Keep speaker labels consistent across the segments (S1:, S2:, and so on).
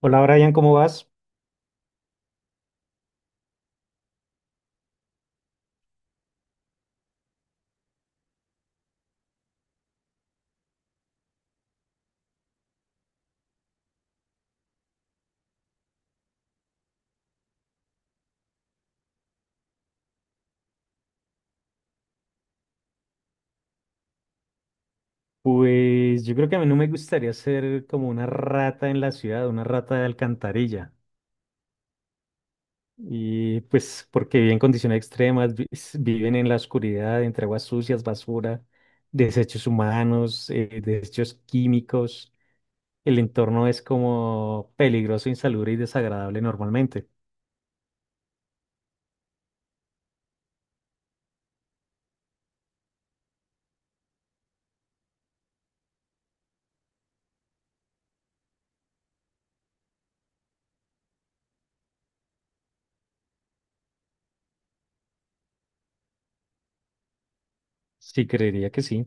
S1: Hola Brian, ¿cómo vas? Pues yo creo que a mí no me gustaría ser como una rata en la ciudad, una rata de alcantarilla. Y pues porque viven en condiciones extremas, viven en la oscuridad, entre aguas sucias, basura, desechos humanos, desechos químicos. El entorno es como peligroso, insalubre y desagradable normalmente. Sí, creería que sí.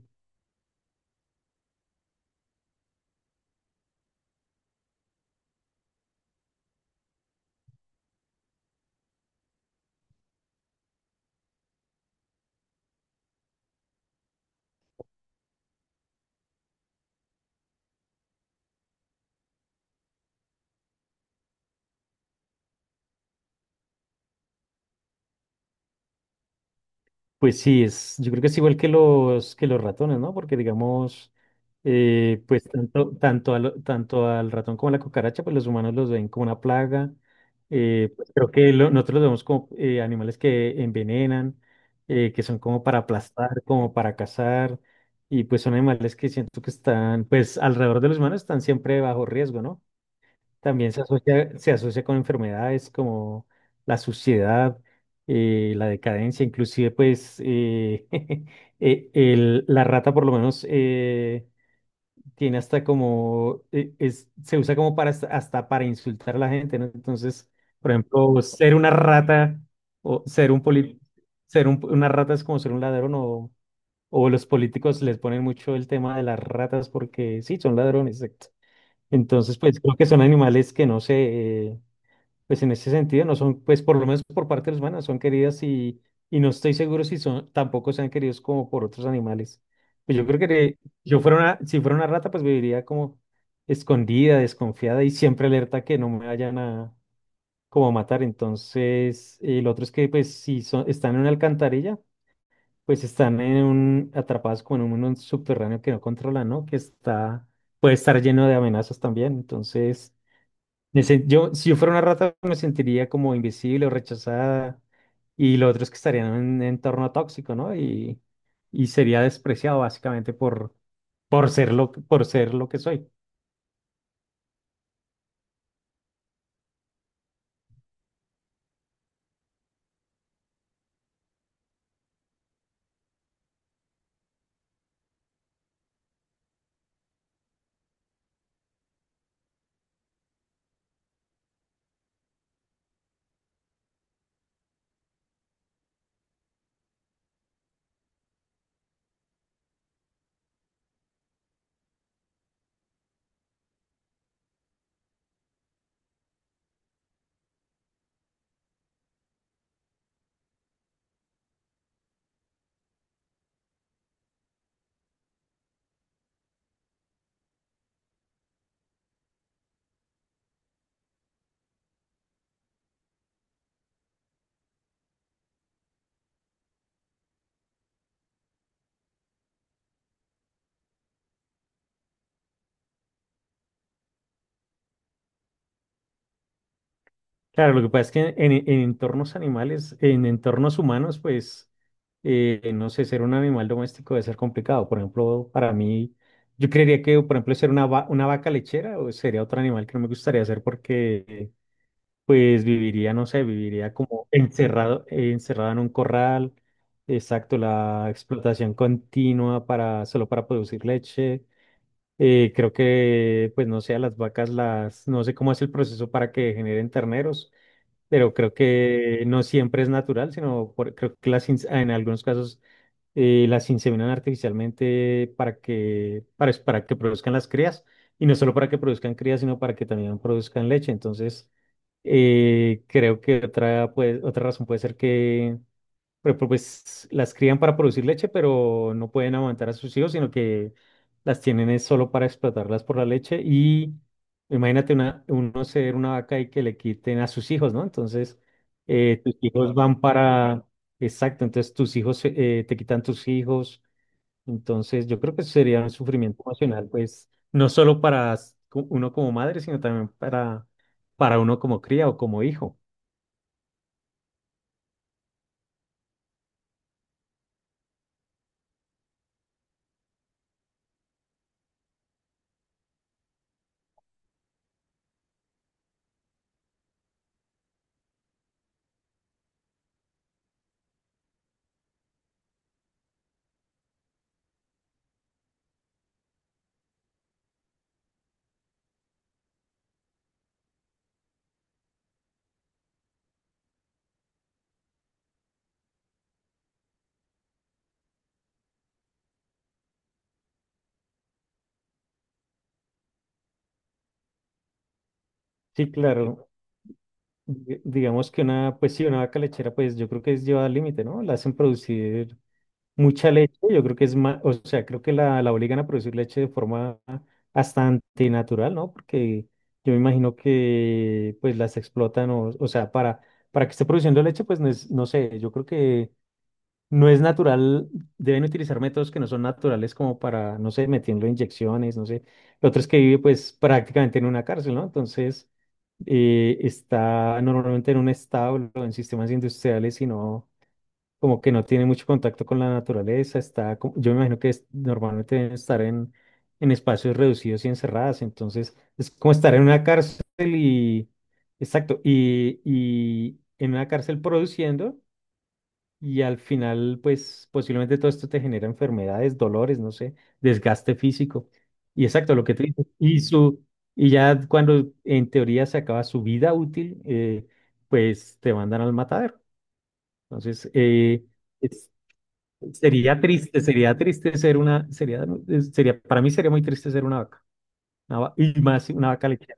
S1: Pues sí, es, yo creo que es igual que los ratones, ¿no? Porque digamos, pues tanto al ratón como a la cucaracha, pues los humanos los ven como una plaga. Pues creo que nosotros los vemos como animales que envenenan, que son como para aplastar, como para cazar, y pues son animales que siento que están, pues alrededor de los humanos están siempre bajo riesgo, ¿no? También se asocia con enfermedades como la suciedad, la decadencia, inclusive pues la rata por lo menos tiene hasta como, es, se usa como para hasta para insultar a la gente, ¿no? Entonces, por ejemplo, ser una rata o ser una rata es como ser un ladrón o los políticos les ponen mucho el tema de las ratas porque sí, son ladrones, exacto. Entonces, pues creo que son animales que no sé, pues en ese sentido no son, pues por lo menos por parte de los humanos son queridas y no estoy seguro si son, tampoco sean queridos como por otros animales. Pues yo creo que. Yo fuera una, si fuera una rata, pues viviría como escondida, desconfiada y siempre alerta que no me vayan a como a matar. Entonces, el otro es que pues si son, están en una alcantarilla, pues están en un, atrapados como en un subterráneo que no controlan, ¿no? Que está, puede estar lleno de amenazas también. Entonces yo, si yo fuera una rata, me sentiría como invisible o rechazada. Y lo otro es que estaría en un entorno tóxico, ¿no? Y sería despreciado básicamente por ser por ser lo que soy. Claro, lo que pasa es que en entornos animales, en entornos humanos, pues, no sé, ser un animal doméstico debe ser complicado. Por ejemplo, para mí, yo creería que, por ejemplo, ser una vaca lechera o sería otro animal que no me gustaría ser porque pues viviría, no sé, viviría como encerrado, encerrado en un corral. Exacto, la explotación continua para, solo para producir leche. Creo que, pues no sé, a las vacas las, no sé cómo es el proceso para que generen terneros, pero creo que no siempre es natural, sino creo que en algunos casos las inseminan artificialmente para que produzcan las crías, y no solo para que produzcan crías, sino para que también produzcan leche. Entonces, creo que otra, pues, otra razón puede ser que pues las crían para producir leche, pero no pueden amamantar a sus hijos, sino que las tienen es solo para explotarlas por la leche. Y imagínate una, uno ser una vaca y que le quiten a sus hijos, ¿no? Entonces, tus hijos Claro. Van para... Exacto, entonces tus hijos te quitan tus hijos. Entonces, yo creo que sería un sufrimiento emocional, pues, no solo para uno como madre, sino también para uno como cría o como hijo. Sí, claro. Digamos que una, pues sí, una vaca lechera, pues yo creo que es llevada al límite, ¿no? La hacen producir mucha leche, yo creo que es más, o sea, creo que la obligan a producir leche de forma hasta antinatural, ¿no? Porque yo me imagino que pues las explotan, o sea, para que esté produciendo leche, pues no sé, yo creo que no es natural, deben utilizar métodos que no son naturales como para, no sé, metiendo inyecciones, no sé. Lo otro es que vive pues prácticamente en una cárcel, ¿no? Entonces está normalmente en un establo, en sistemas industriales, y no, como que no tiene mucho contacto con la naturaleza, está, yo me imagino normalmente deben estar en espacios reducidos y encerradas, entonces es como estar en una cárcel y, exacto, y en una cárcel produciendo. Y al final, pues posiblemente todo esto te genera enfermedades, dolores, no sé, desgaste físico. Y exacto, lo que te dices. Y, su, y ya cuando en teoría se acaba su vida útil, pues te mandan al matadero. Entonces, es- sería triste ser una, sería, sería, para mí sería muy triste ser una vaca. Y más si una vaca lechera.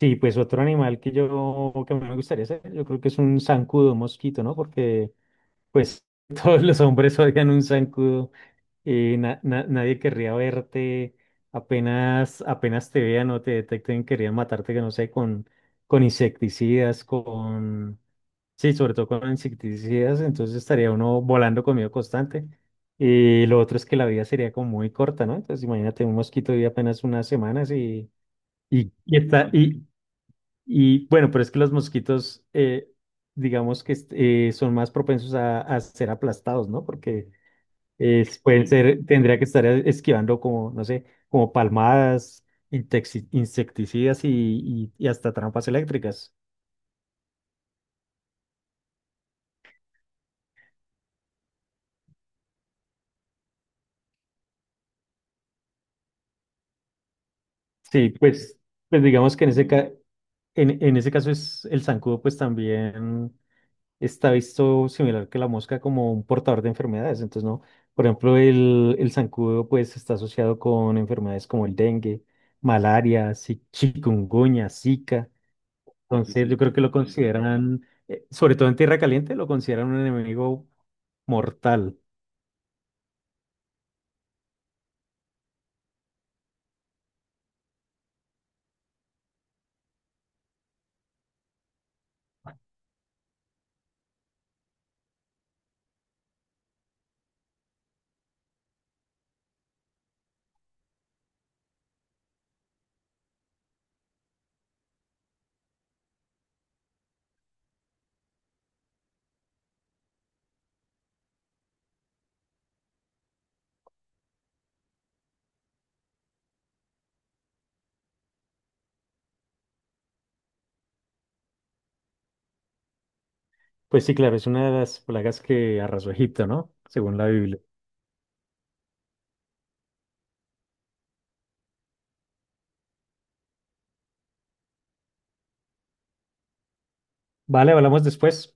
S1: Sí, pues otro animal que yo, que a mí me gustaría ser, yo creo que es un zancudo, un mosquito, ¿no? Porque pues todos los hombres odian un zancudo. Nadie querría verte. Apenas, apenas te vean o te detecten, querían matarte, que no sé, con insecticidas, con... Sí, sobre todo con insecticidas, entonces estaría uno volando con miedo constante. Y lo otro es que la vida sería como muy corta, ¿no? Entonces imagínate un mosquito vive apenas unas semanas y está, y bueno, pero es que los mosquitos, digamos son más propensos a ser aplastados, ¿no? Porque pueden ser, tendría que estar esquivando como, no sé, como palmadas, insecticidas y, y hasta trampas eléctricas. Sí, pues, pues digamos que en en ese caso es el zancudo, pues también. Está visto similar que la mosca como un portador de enfermedades. Entonces, ¿no? Por ejemplo, el zancudo pues está asociado con enfermedades como el dengue, malaria, chikungunya, Zika. Entonces, yo creo que lo consideran, sobre todo en tierra caliente, lo consideran un enemigo mortal. Pues sí, claro, es una de las plagas que arrasó Egipto, ¿no? Según la Biblia. Vale, hablamos después.